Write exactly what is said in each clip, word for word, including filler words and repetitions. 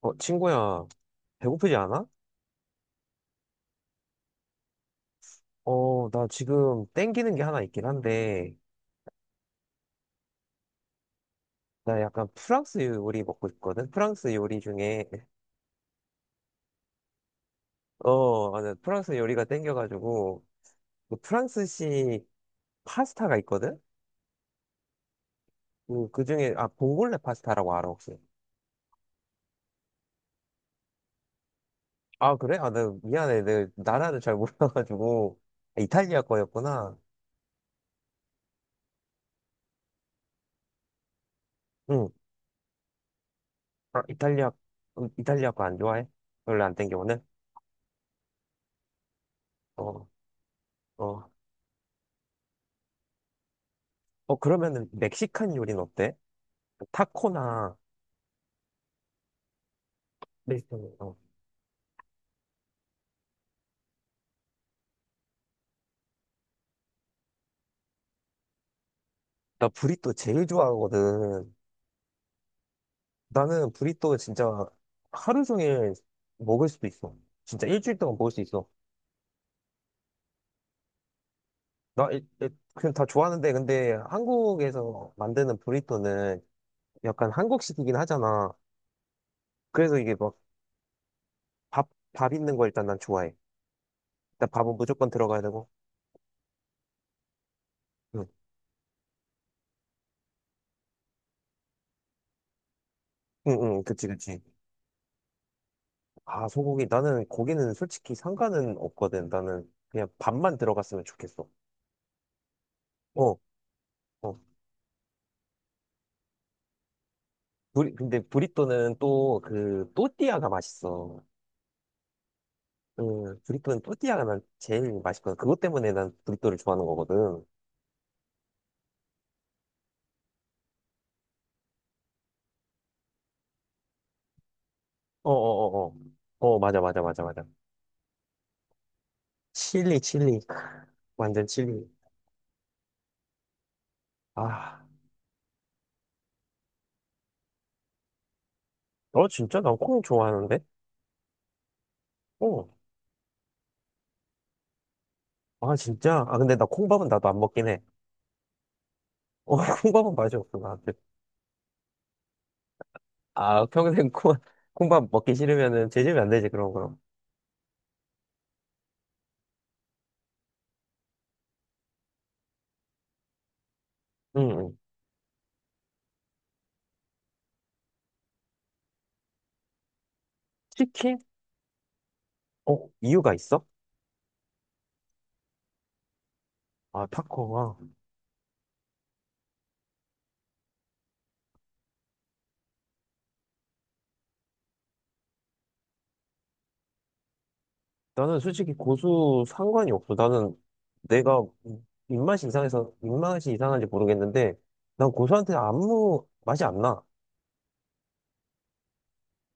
어, 친구야, 배고프지 않아? 어, 나 지금 땡기는 게 하나 있긴 한데, 나 약간 프랑스 요리 먹고 있거든? 프랑스 요리 중에, 어, 아, 나 프랑스 요리가 땡겨가지고, 그 프랑스식 파스타가 있거든? 그, 그 중에, 아, 봉골레 파스타라고 알아, 혹시? 아, 그래? 아, 나 미안해. 내 나라를 잘 몰라가지고. 아, 이탈리아 거였구나. 응. 아, 이탈리아, 음, 이탈리아 거 안 좋아해? 별로 안 땡겨, 오늘? 어, 어. 어, 그러면은 멕시칸 요리는 어때? 그 타코나 메xican이요. 나 브리또 제일 좋아하거든. 나는 브리또 진짜 하루 종일 먹을 수도 있어. 진짜 일주일 동안 먹을 수 있어. 나 일- 일- 그냥 다 좋아하는데 근데 한국에서 만드는 브리또는 약간 한국식이긴 하잖아. 그래서 이게 막 밥, 밥 있는 거 일단 난 좋아해. 일단 밥은 무조건 들어가야 되고. 응, 응, 응, 그치, 그치. 아, 소고기. 나는 고기는 솔직히 상관은 없거든. 나는 그냥 밥만 들어갔으면 좋겠어. 어. 어. 브리, 근데 브리또는 또 그 또띠아가 맛있어. 음, 브리또는 또띠아가 난 제일 맛있거든. 그것 때문에 난 브리또를 좋아하는 거거든. 어, 어, 어, 어. 어, 맞아, 맞아, 맞아, 맞아. 칠리, 칠리. 크, 완전 칠리. 아, 너 진짜? 나 콩 좋아하는데? 어. 아, 진짜? 아, 근데 나 콩밥은 나도 안 먹긴 해. 어, 콩밥은 맛이 없어, 나한테. 아, 평생 콩, 콩밥 먹기 싫으면은 재재면 안 되지, 그런 거럼. 응, 응. 치킨? 어, 이유가 있어? 아, 타코가. 나는 솔직히 고수 상관이 없어. 나는 내가 입맛이 이상해서 입맛이 이상한지 모르겠는데 난 고수한테 아무 맛이 안 나.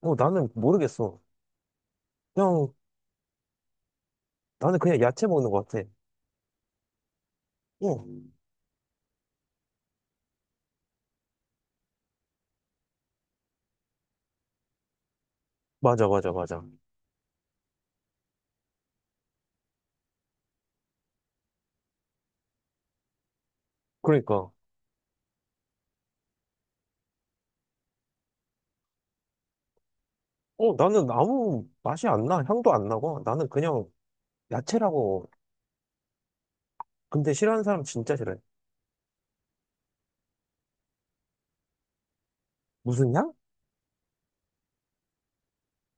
어, 나는 모르겠어. 그냥 나는 그냥 야채 먹는 것 같아. 어, 맞아, 맞아, 맞아. 그러니까 어, 나는 아무 맛이 안 나. 향도 안 나고 나는 그냥 야채라고. 근데 싫어하는 사람 진짜 싫어해. 무슨 향?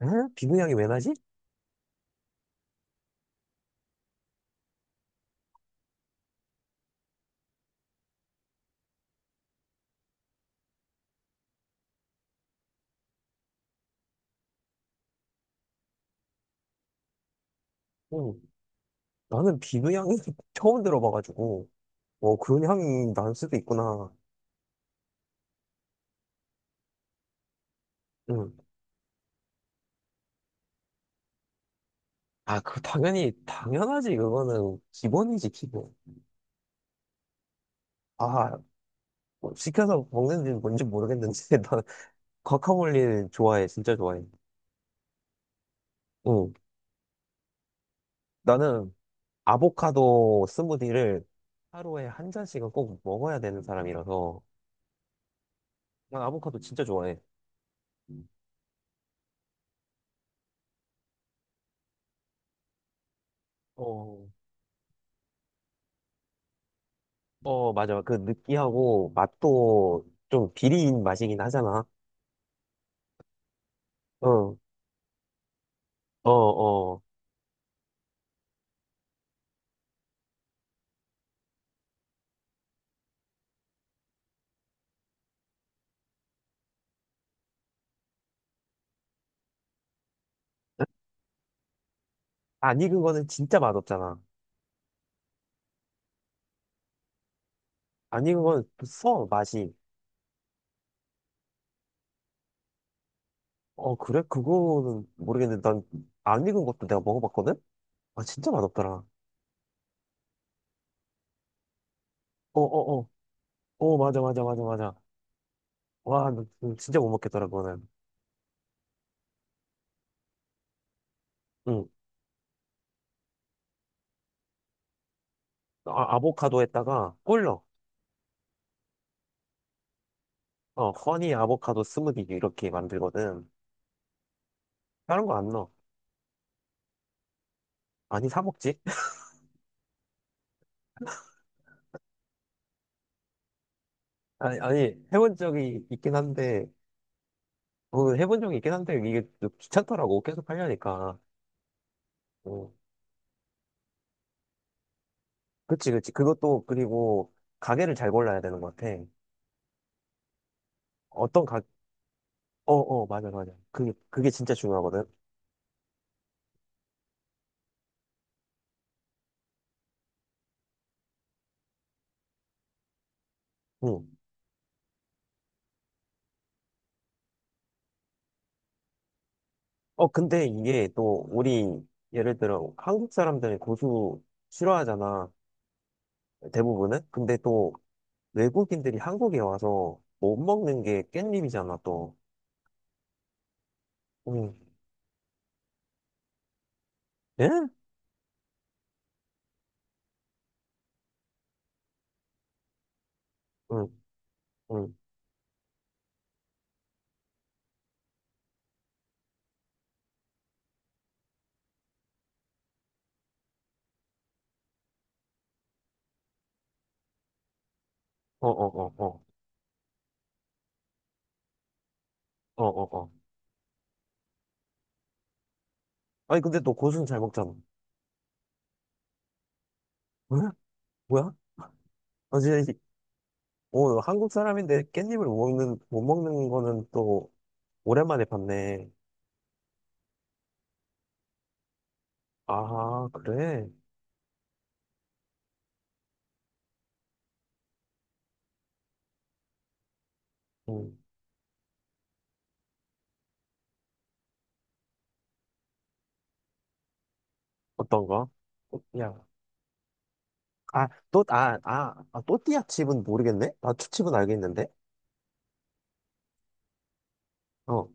에? 비누 향이 왜 나지? 어, 나는 비누 향이 처음 들어봐가지고 어, 그런 향이 날 수도 있구나. 응. 아, 그 당연히 당연하지 그거는 기본이지 기본. 아, 뭐 시켜서 먹는지 뭔지 모르겠는데 나는 과카몰리 좋아해, 진짜 좋아해. 응, 나는 아보카도 스무디를 하루에 한 잔씩은 꼭 먹어야 되는 사람이라서 난 아보카도 진짜 좋아해. 어, 어, 맞아. 그 느끼하고 맛도 좀 비린 맛이긴 하잖아. 어, 어, 어. 안 익은 거는 진짜 맛없잖아. 안 익은 거는 써, 맛이. 어, 그래? 그거는 모르겠는데, 난 안 익은 것도 내가 먹어봤거든? 아, 진짜 맛없더라. 어, 어, 어. 어, 맞아, 맞아, 맞아, 맞아. 와, 나 진짜 못 먹겠더라, 그거는. 응. 아, 아보카도에다가 꿀넣어. 어, 허니 아보카도 스무디 이렇게 만들거든. 다른 거 안 넣어. 아니, 사 먹지? 아니, 아니, 해본 적이 있긴 한데, 어, 해본 적이 있긴 한데, 이게 좀 귀찮더라고. 계속 하려니까. 어, 그치, 그치. 그것도, 그리고, 가게를 잘 골라야 되는 것 같아. 어떤 가, 어, 어, 맞아, 맞아. 그게, 그게 진짜 중요하거든. 응. 어, 근데 이게 또, 우리, 예를 들어, 한국 사람들이 고수 싫어하잖아. 대부분은. 근데 또, 외국인들이 한국에 와서 못 먹는 게 깻잎이잖아, 또. 응. 예? 응, 응. 어, 어, 어, 어. 어, 어, 어. 아니, 근데 또 고수는 잘 먹잖아. 왜? 뭐야? 아, 진짜, 이- 어, 한국 사람인데 깻잎을 못 먹는, 못 먹는 거는 또, 오랜만에 봤네. 아, 그래? 어떤 거? 또띠아. 아, 또, 아, 아, 아, 또띠아 칩은 모르겠네? 아, 초칩은 알겠는데? 어.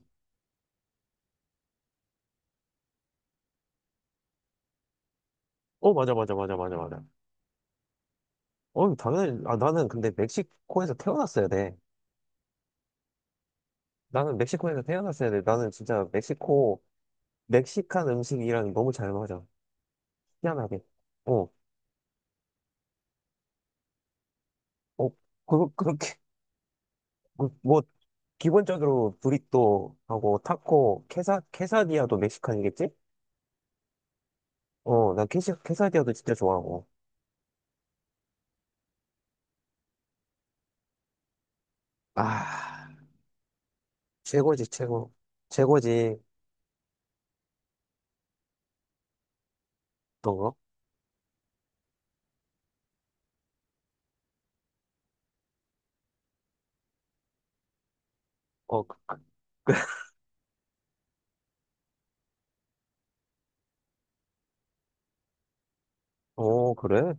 어, 맞아, 맞아, 맞아, 맞아, 맞아. 어, 당연히, 아, 나는 근데 멕시코에서 태어났어야 돼. 나는 멕시코에서 태어났어야 돼. 나는 진짜 멕시코, 멕시칸 음식이랑 너무 잘 맞아. 희한하게. 어, 어, 그거, 그렇게, 그, 뭐, 기본적으로 브리또하고 타코, 케사, 케사디아도 멕시칸이겠지? 어, 난 케시, 케사디아도 진짜 좋아하고. 아. 최고지, 최고. 최고지, 그런 거? 어, 그- 어, 그래?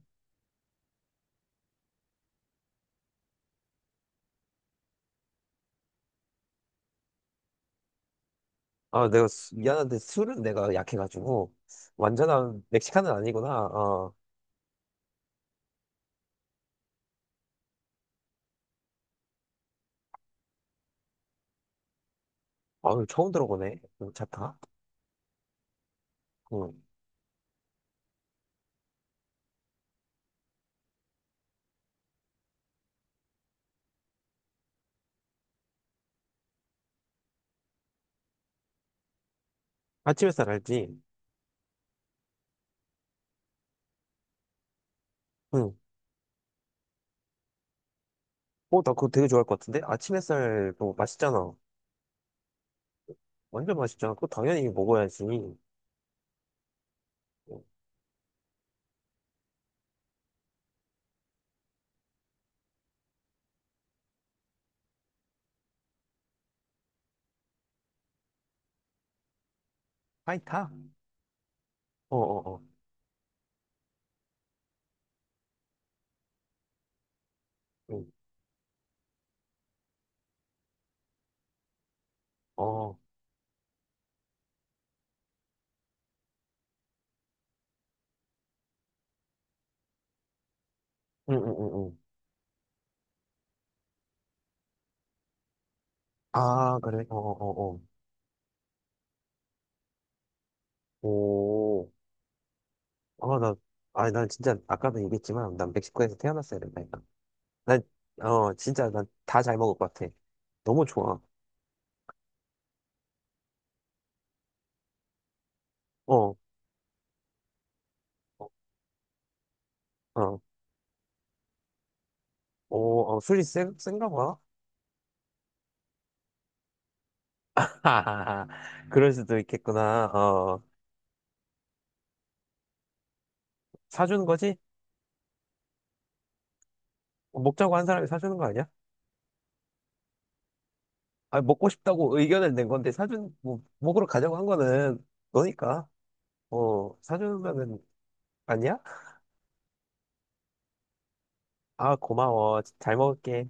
아, 내가 수- 미안한데 술은 내가 약해가지고 완전한 멕시칸은 아니구나. 어, 아 처음 들어보네. 괜 타. 다 응. 아침 햇살 알지? 응. 어, 나 그거 되게 좋아할 것 같은데? 아침 햇살 뭐 맛있잖아. 완전 맛있잖아. 그거 당연히 먹어야지. 어, 파이타? 어, 어, 어. 응. 어. 응, 응, 응, 응. 아, 그래? 어, 어, 어. 어. 오. 어, 나, 아니, 난 진짜, 아까도 얘기했지만, 난 멕시코에서 태어났어야 된다니까. 난, 어, 진짜, 난 다 잘 먹을 것 같아. 너무 좋아. 어, 어, 오 어, 술이 센, 센가 봐. 하하하. 그럴 수도 있겠구나. 어, 사주는 거지? 어, 먹자고 한 사람이 사주는 거 아니야? 아니, 먹고 싶다고 의견을 낸 건데, 사준, 뭐, 먹으러 가자고 한 거는 너니까. 어, 사주는 거는 아니야? 아, 고마워. 잘 먹을게.